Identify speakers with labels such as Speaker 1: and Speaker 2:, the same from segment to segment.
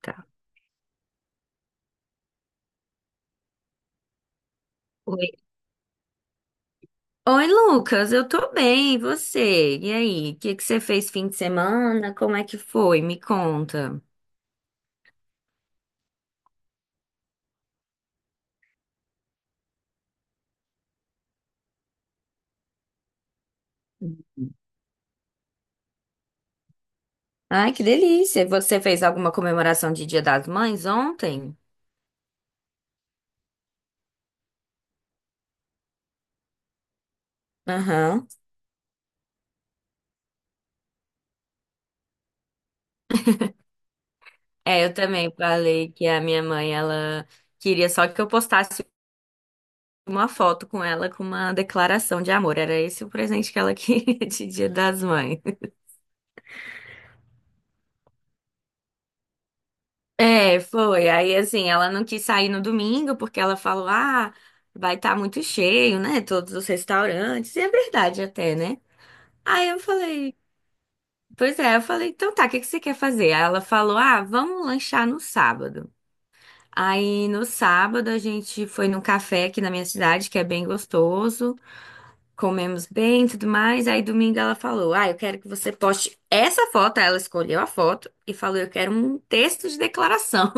Speaker 1: Tá. Oi. Oi, Lucas, eu tô bem, e você? E aí, o que que você fez fim de semana? Como é que foi? Me conta. Ai, que delícia! Você fez alguma comemoração de Dia das Mães ontem? Aham. É, eu também falei que a minha mãe, ela queria só que eu postasse uma foto com ela com uma declaração de amor. Era esse o presente que ela queria de Dia das Mães. É, foi. Aí, assim, ela não quis sair no domingo porque ela falou: ah, vai estar muito cheio, né? Todos os restaurantes. E é verdade até, né? Aí eu falei: pois é, eu falei: então tá, o que que você quer fazer? Aí ela falou: ah, vamos lanchar no sábado. Aí no sábado a gente foi num café aqui na minha cidade, que é bem gostoso. Comemos bem e tudo mais. Aí domingo ela falou: ah, eu quero que você poste essa foto. Aí ela escolheu a foto e falou: eu quero um texto de declaração.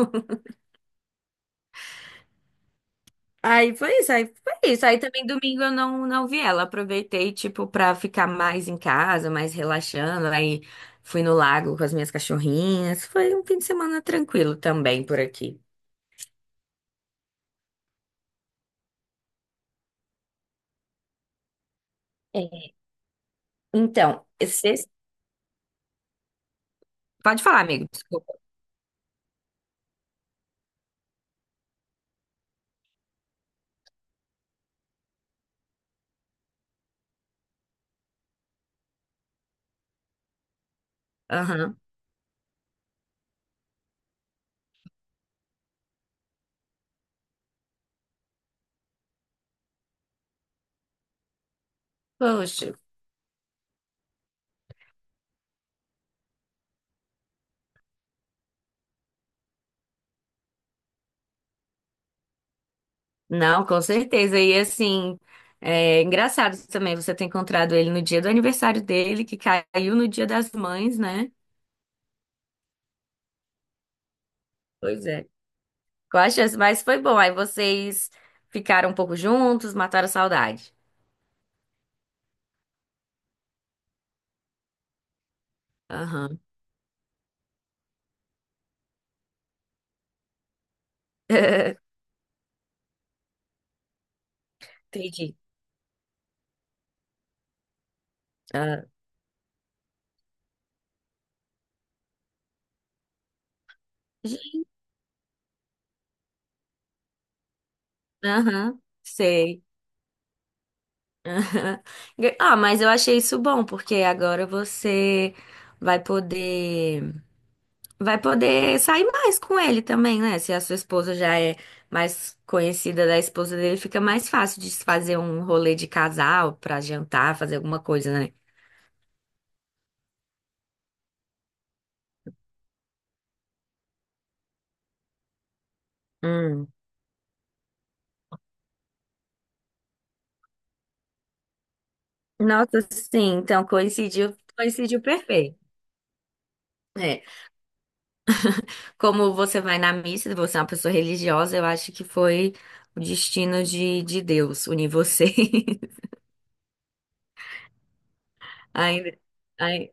Speaker 1: Aí foi isso, aí foi isso. Aí também domingo eu não vi ela. Aproveitei, tipo, pra ficar mais em casa, mais relaxando. Aí fui no lago com as minhas cachorrinhas. Foi um fim de semana tranquilo também por aqui. É. Então, esse... pode falar, amigo, desculpa. Aham. Poxa. Não, com certeza. E assim, é engraçado também você ter encontrado ele no dia do aniversário dele, que caiu no dia das mães, né? Pois é. Qual a chance? Mas foi bom. Aí vocês ficaram um pouco juntos, mataram a saudade. Aham. Entendi. Ah, Aham. Sei. Aham. Ah, mas eu achei isso bom, porque agora você vai poder vai poder sair mais com ele também, né? Se a sua esposa já é mais conhecida da esposa dele, fica mais fácil de se fazer um rolê de casal pra jantar, fazer alguma coisa, né? Hum. Nossa, sim, então coincidiu, coincidiu perfeito. É, como você vai na missa, você é uma pessoa religiosa, eu acho que foi o destino de Deus unir você. Ainda. Ai,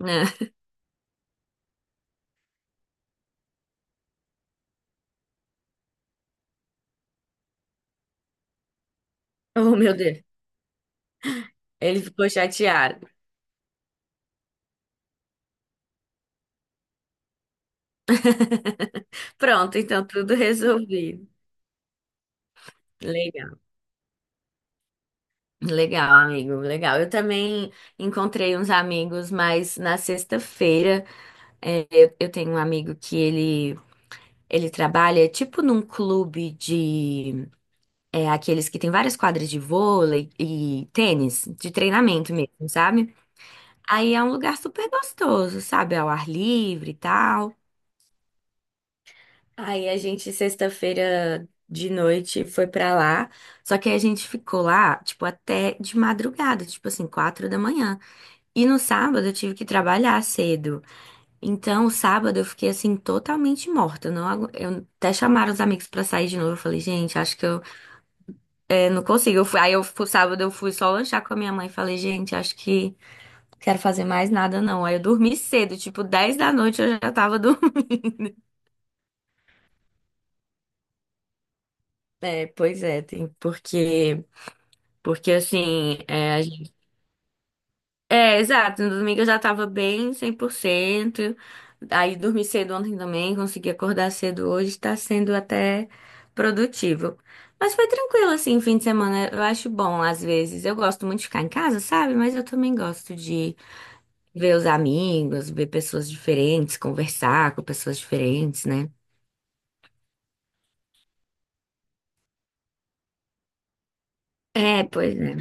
Speaker 1: né? Oh, meu Deus. Ele ficou chateado. Pronto, então tudo resolvido. Legal. Legal, amigo. Legal. Eu também encontrei uns amigos, mas na sexta-feira, é, eu tenho um amigo que ele trabalha tipo num clube de É aqueles que tem várias quadras de vôlei e tênis, de treinamento mesmo, sabe? Aí é um lugar super gostoso, sabe? Ao ar livre e tal. Aí a gente, sexta-feira de noite, foi pra lá. Só que aí a gente ficou lá, tipo, até de madrugada, tipo assim, 4 da manhã. E no sábado eu tive que trabalhar cedo. Então, o sábado eu fiquei, assim, totalmente morta. Eu Não, eu até chamaram os amigos pra sair de novo. Eu falei, gente, acho que eu não consigo. Aí eu fui, sábado eu fui só lanchar com a minha mãe. Falei, gente, acho que não quero fazer mais nada não. Aí eu dormi cedo, tipo 10 da noite eu já tava dormindo. É, pois é, tem, porque assim, é, é, exato, no domingo eu já tava bem 100%. Aí dormi cedo ontem também, consegui acordar cedo hoje, tá sendo até produtivo. Mas foi tranquilo assim, fim de semana. Eu acho bom às vezes. Eu gosto muito de ficar em casa, sabe? Mas eu também gosto de ver os amigos, ver pessoas diferentes, conversar com pessoas diferentes, né? É, pois é.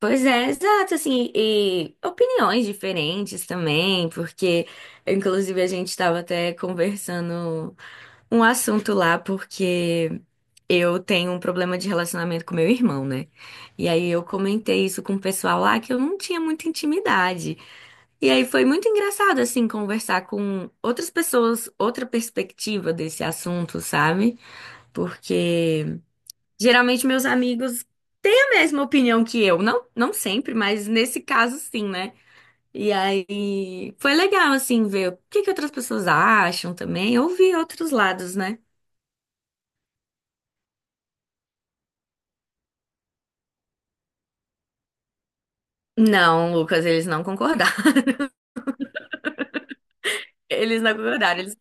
Speaker 1: Pois é, exato, assim, e opiniões diferentes também, porque inclusive a gente estava até conversando um assunto lá, porque eu tenho um problema de relacionamento com meu irmão, né? E aí eu comentei isso com o pessoal lá que eu não tinha muita intimidade. E aí foi muito engraçado, assim, conversar com outras pessoas, outra perspectiva desse assunto, sabe? Porque geralmente meus amigos têm a mesma opinião que eu. Não, não sempre, mas nesse caso sim, né? E aí foi legal, assim, ver o que que outras pessoas acham também. Ouvir outros lados, né? Não, Lucas, eles não concordaram. Eles não concordaram. Eles...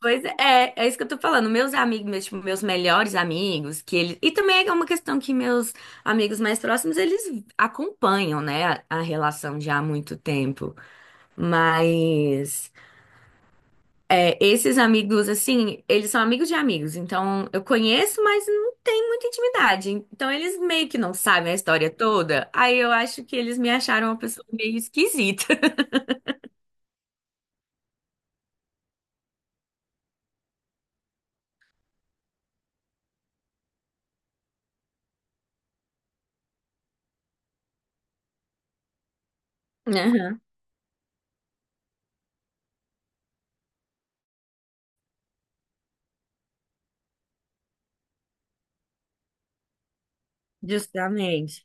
Speaker 1: Pois é, é isso que eu tô falando. Meus amigos, meus, tipo, meus melhores amigos, que eles. E também é uma questão que meus amigos mais próximos, eles acompanham, né, a relação já há muito tempo. Mas. É, esses amigos, assim, eles são amigos de amigos, então eu conheço, mas não tem muita intimidade. Então eles meio que não sabem a história toda. Aí eu acho que eles me acharam uma pessoa meio esquisita. Aham, Justamente.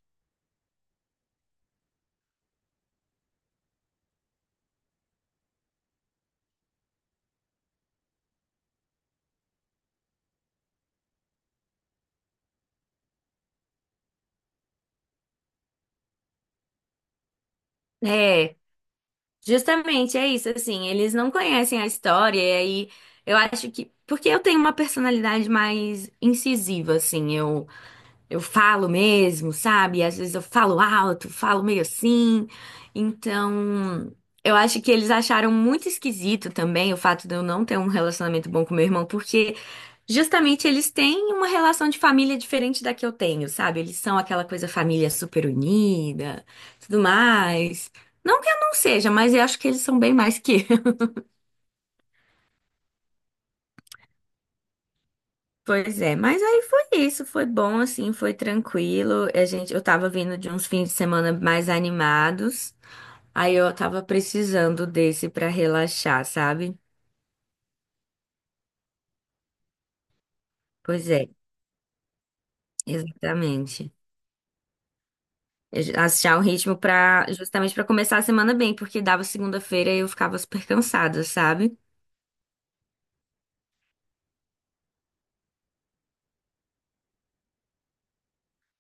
Speaker 1: É, justamente é isso, assim, eles não conhecem a história, e aí eu acho que. Porque eu tenho uma personalidade mais incisiva, assim, Eu falo mesmo, sabe? Às vezes eu falo alto, falo meio assim. Então, eu acho que eles acharam muito esquisito também o fato de eu não ter um relacionamento bom com meu irmão, porque justamente eles têm uma relação de família diferente da que eu tenho, sabe? Eles são aquela coisa família super unida, tudo mais. Não que eu não seja, mas eu acho que eles são bem mais que eu. Pois é, mas aí foi isso, foi bom assim, foi tranquilo. A gente, eu tava vindo de uns fins de semana mais animados. Aí eu tava precisando desse pra relaxar, sabe? Pois é, exatamente. Eu já- achar um ritmo para justamente pra começar a semana bem, porque dava segunda-feira e eu ficava super cansada, sabe?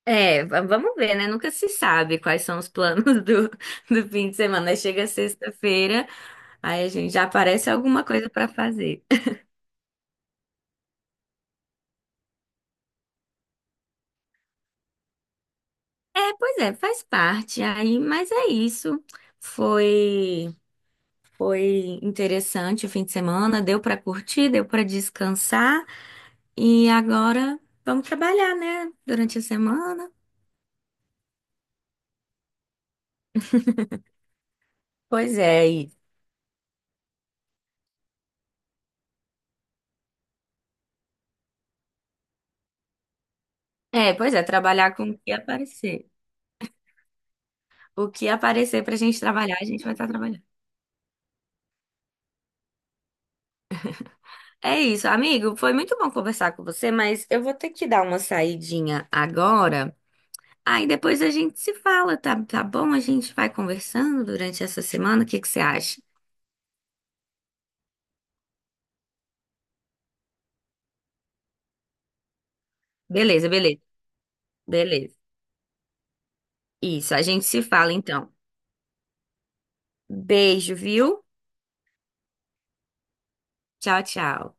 Speaker 1: É, vamos ver, né? Nunca se sabe quais são os planos do, do fim de semana. Aí Chega sexta-feira, aí a gente já aparece alguma coisa pra fazer. É, pois é, faz parte aí, mas é isso. Foi Foi interessante o fim de semana, deu para curtir, deu para descansar e agora vamos trabalhar, né? Durante a semana. Pois é, e... é, pois é, trabalhar com o que aparecer. O que aparecer pra gente trabalhar, a gente vai estar trabalhando. É isso, amigo, foi muito bom conversar com você, mas eu vou ter que dar uma saidinha agora. Aí depois a gente se fala, tá, tá bom? A gente vai conversando durante essa semana, o que que você acha? Beleza, beleza, beleza. Isso, a gente se fala então. Beijo, viu? Tchau, tchau.